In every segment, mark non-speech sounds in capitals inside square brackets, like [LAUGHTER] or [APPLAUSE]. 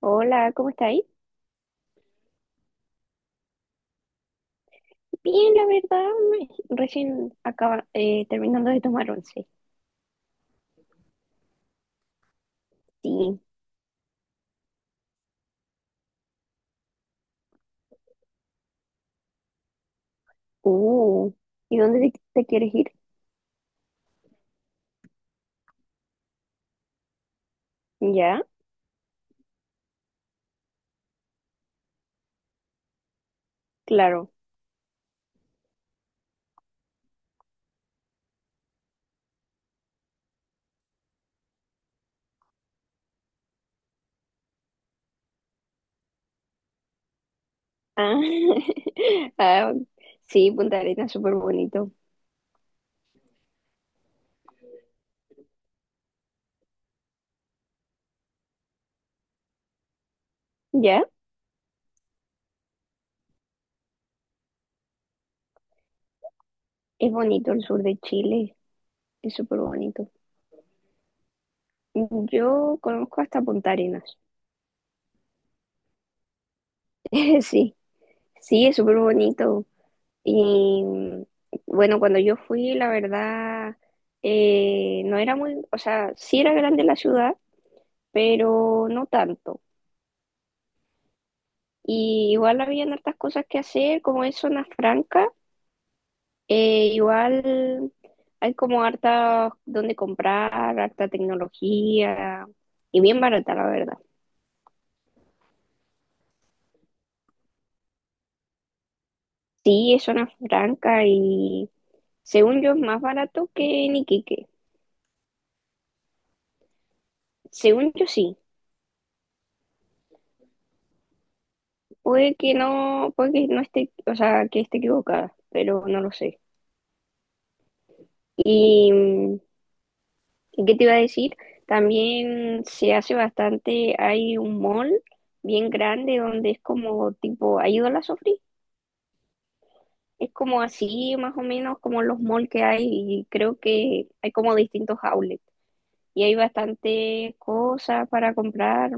Hola, ¿cómo estáis? Bien, la verdad, recién acaba, terminando de tomar once. Sí. Uh, ¿Y dónde te quieres ir? ¿Ya? Claro. Ah, [LAUGHS] ah, sí, Punta Arenas, súper bonito. ¿Ya? Es bonito el sur de Chile, es súper bonito. Yo conozco hasta Punta Arenas. [LAUGHS] Sí, sí, es súper bonito. Y mm, bueno, cuando yo fui, la verdad, no era muy, o sea, sí era grande la ciudad, pero no tanto. Y igual habían hartas cosas que hacer, como es zona franca, igual hay como harta donde comprar, harta tecnología, y bien barata, la verdad. Sí, es zona franca y según yo es más barato que en Iquique. Según yo sí. Puede que no esté, o sea, que esté equivocada, pero no lo sé. Y mm, ¿y qué te iba a decir? También se hace bastante, hay un mall bien grande donde es como tipo, ¿ha ido a la Sofri? Es como así, más o menos, como los malls que hay y creo que hay como distintos outlets y hay bastantes cosas para comprar.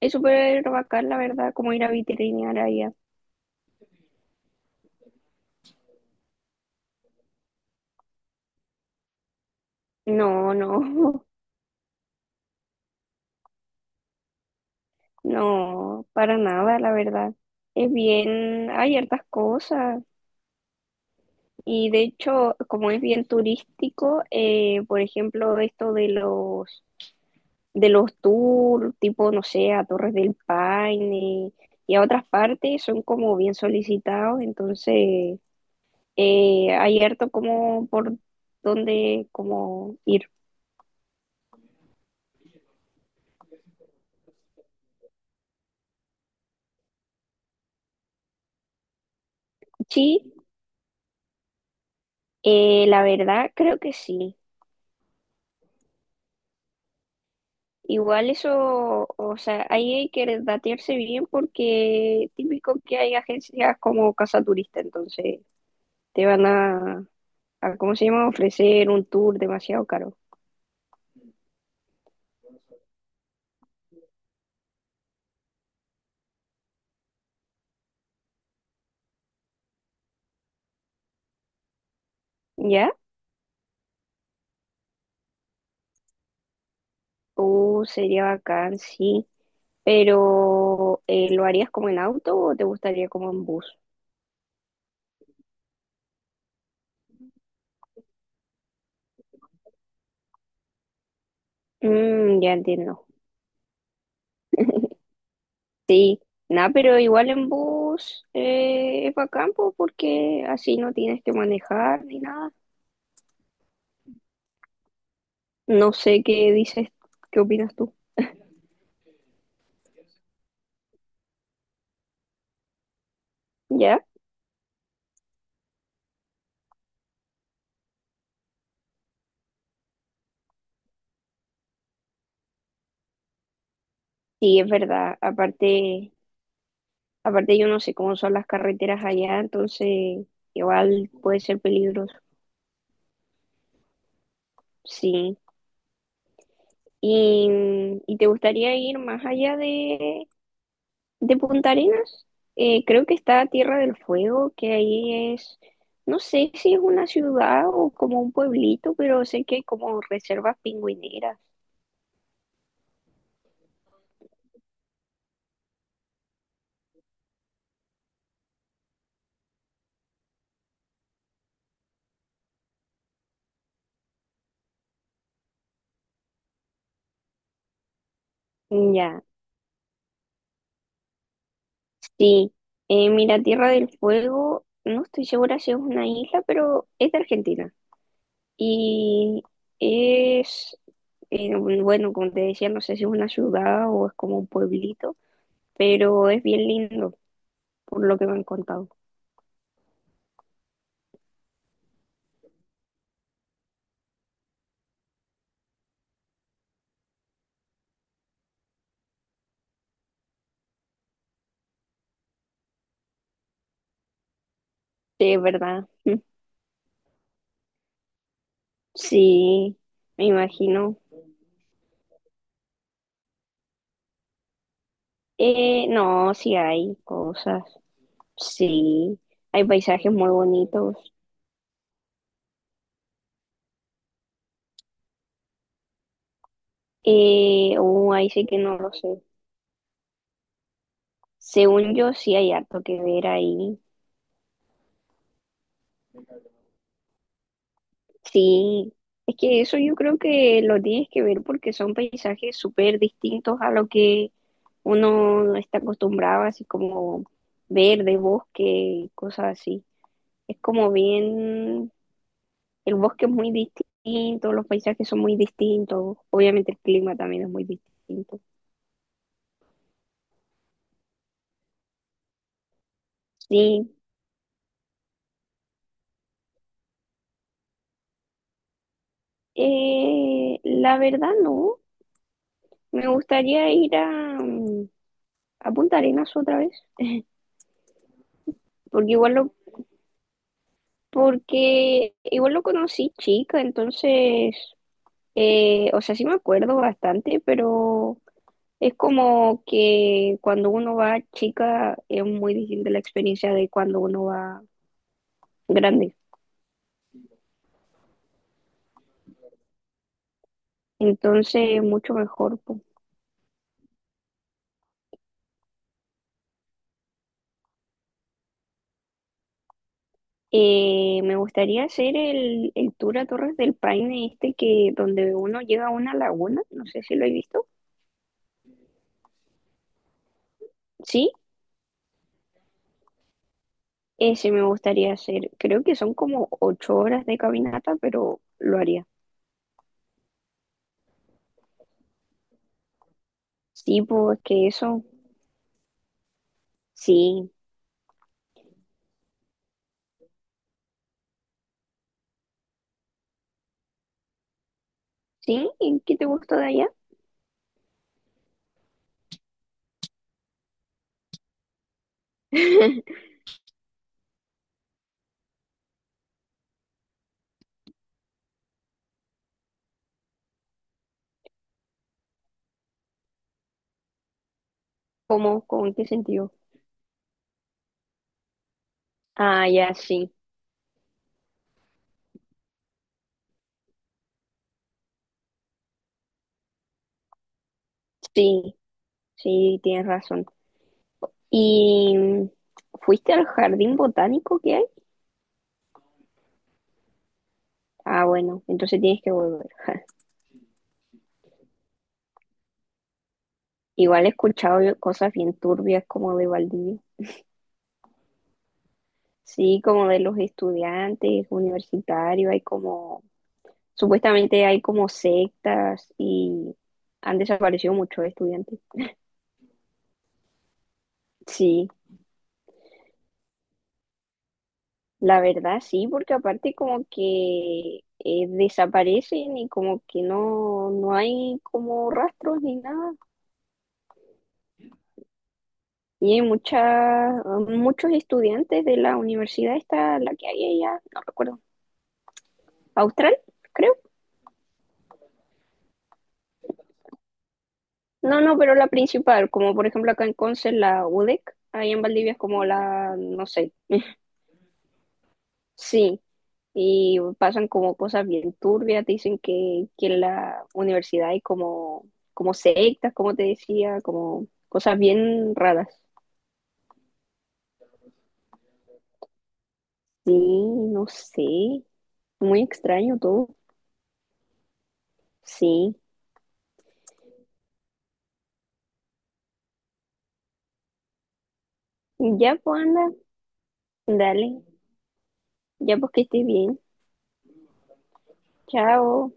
Es súper bacán, la verdad, como ir a vitrinear allá. No, no, [LAUGHS] no, para nada, la verdad. Es bien, hay hartas cosas. Y de hecho, como es bien turístico, por ejemplo, esto de los tours, tipo, no sé, a Torres del Paine y a otras partes, son como bien solicitados, entonces hay harto como por dónde como ir. Sí, la verdad creo que sí. Igual eso, o sea, ahí hay que datearse bien porque típico que hay agencias como Casa Turista, entonces te van a ¿cómo se llama? Ofrecer un tour demasiado caro. ¿Ya? Sería bacán, sí. Pero, ¿lo harías como en auto o te gustaría como en bus? Mm, ya entiendo. [LAUGHS] Sí. Nada, pero igual en bus es bacán po, porque así no tienes que manejar ni nada. No sé qué dices, qué opinas tú. ¿Ya? Sí, es verdad. Aparte, aparte yo no sé cómo son las carreteras allá, entonces igual puede ser peligroso. Sí. ¿Y, ¿y te gustaría ir más allá de Punta Arenas? Creo que está Tierra del Fuego, que ahí es, no sé si es una ciudad o como un pueblito, pero sé que hay como reservas pingüineras. Mm, ya, sí. Mira, Tierra del Fuego, no estoy segura si es una isla, pero es de Argentina. Y es, bueno, como te decía, no sé si es una ciudad o es como un pueblito, pero es bien lindo, por lo que me han contado. Sí, es verdad. [LAUGHS] Sí, me imagino. No, sí hay cosas. Sí, hay paisajes muy bonitos. Ahí sí que no lo sé. Según yo, sí hay harto que ver ahí. Sí, es que eso yo creo que lo tienes que ver porque son paisajes súper distintos a lo que uno está acostumbrado, así como verde, bosque, cosas así. Es como bien. El bosque es muy distinto, los paisajes son muy distintos, obviamente el clima también es muy distinto. Sí, la verdad no, me gustaría ir a, mm, a Punta Arenas otra vez, porque igual lo, porque igual lo conocí chica, entonces, o sea, sí me acuerdo bastante, pero es como que cuando uno va chica es muy distinta la experiencia de cuando uno va grande, entonces mucho mejor po. Me gustaría hacer el tour a Torres del Paine este que donde uno llega a una laguna, no sé si lo he visto. Sí, ese me gustaría hacer. Creo que son como 8 horas de caminata, pero lo haría. Sí, pues que eso, sí. ¿Sí? ¿Y qué te gustó de allá? [LAUGHS] ¿Cómo, con en qué sentido? Ah, ya, sí, sí, sí, tienes razón. ¿Y mm, fuiste al jardín botánico que hay? Ah, bueno, entonces tienes que volver. [LAUGHS] Igual he escuchado yo cosas bien turbias como de Valdivia. Sí, como de los estudiantes universitarios, hay como, supuestamente hay como sectas y han desaparecido muchos estudiantes. Sí, la verdad sí, porque aparte como que desaparecen y como que no, no hay como rastros ni nada. Y hay muchas, muchos estudiantes de la universidad esta, la que hay allá, no recuerdo, Austral, creo. No, no, pero la principal, como por ejemplo acá en Conce, la UDEC, ahí en Valdivia es como la, no sé, sí, y pasan como cosas bien turbias, te dicen que en la universidad hay como, como sectas, como te decía, como cosas bien raras. Sí, no sé, muy extraño todo, sí. Ya pues anda, dale, ya pues que estés bien, chao.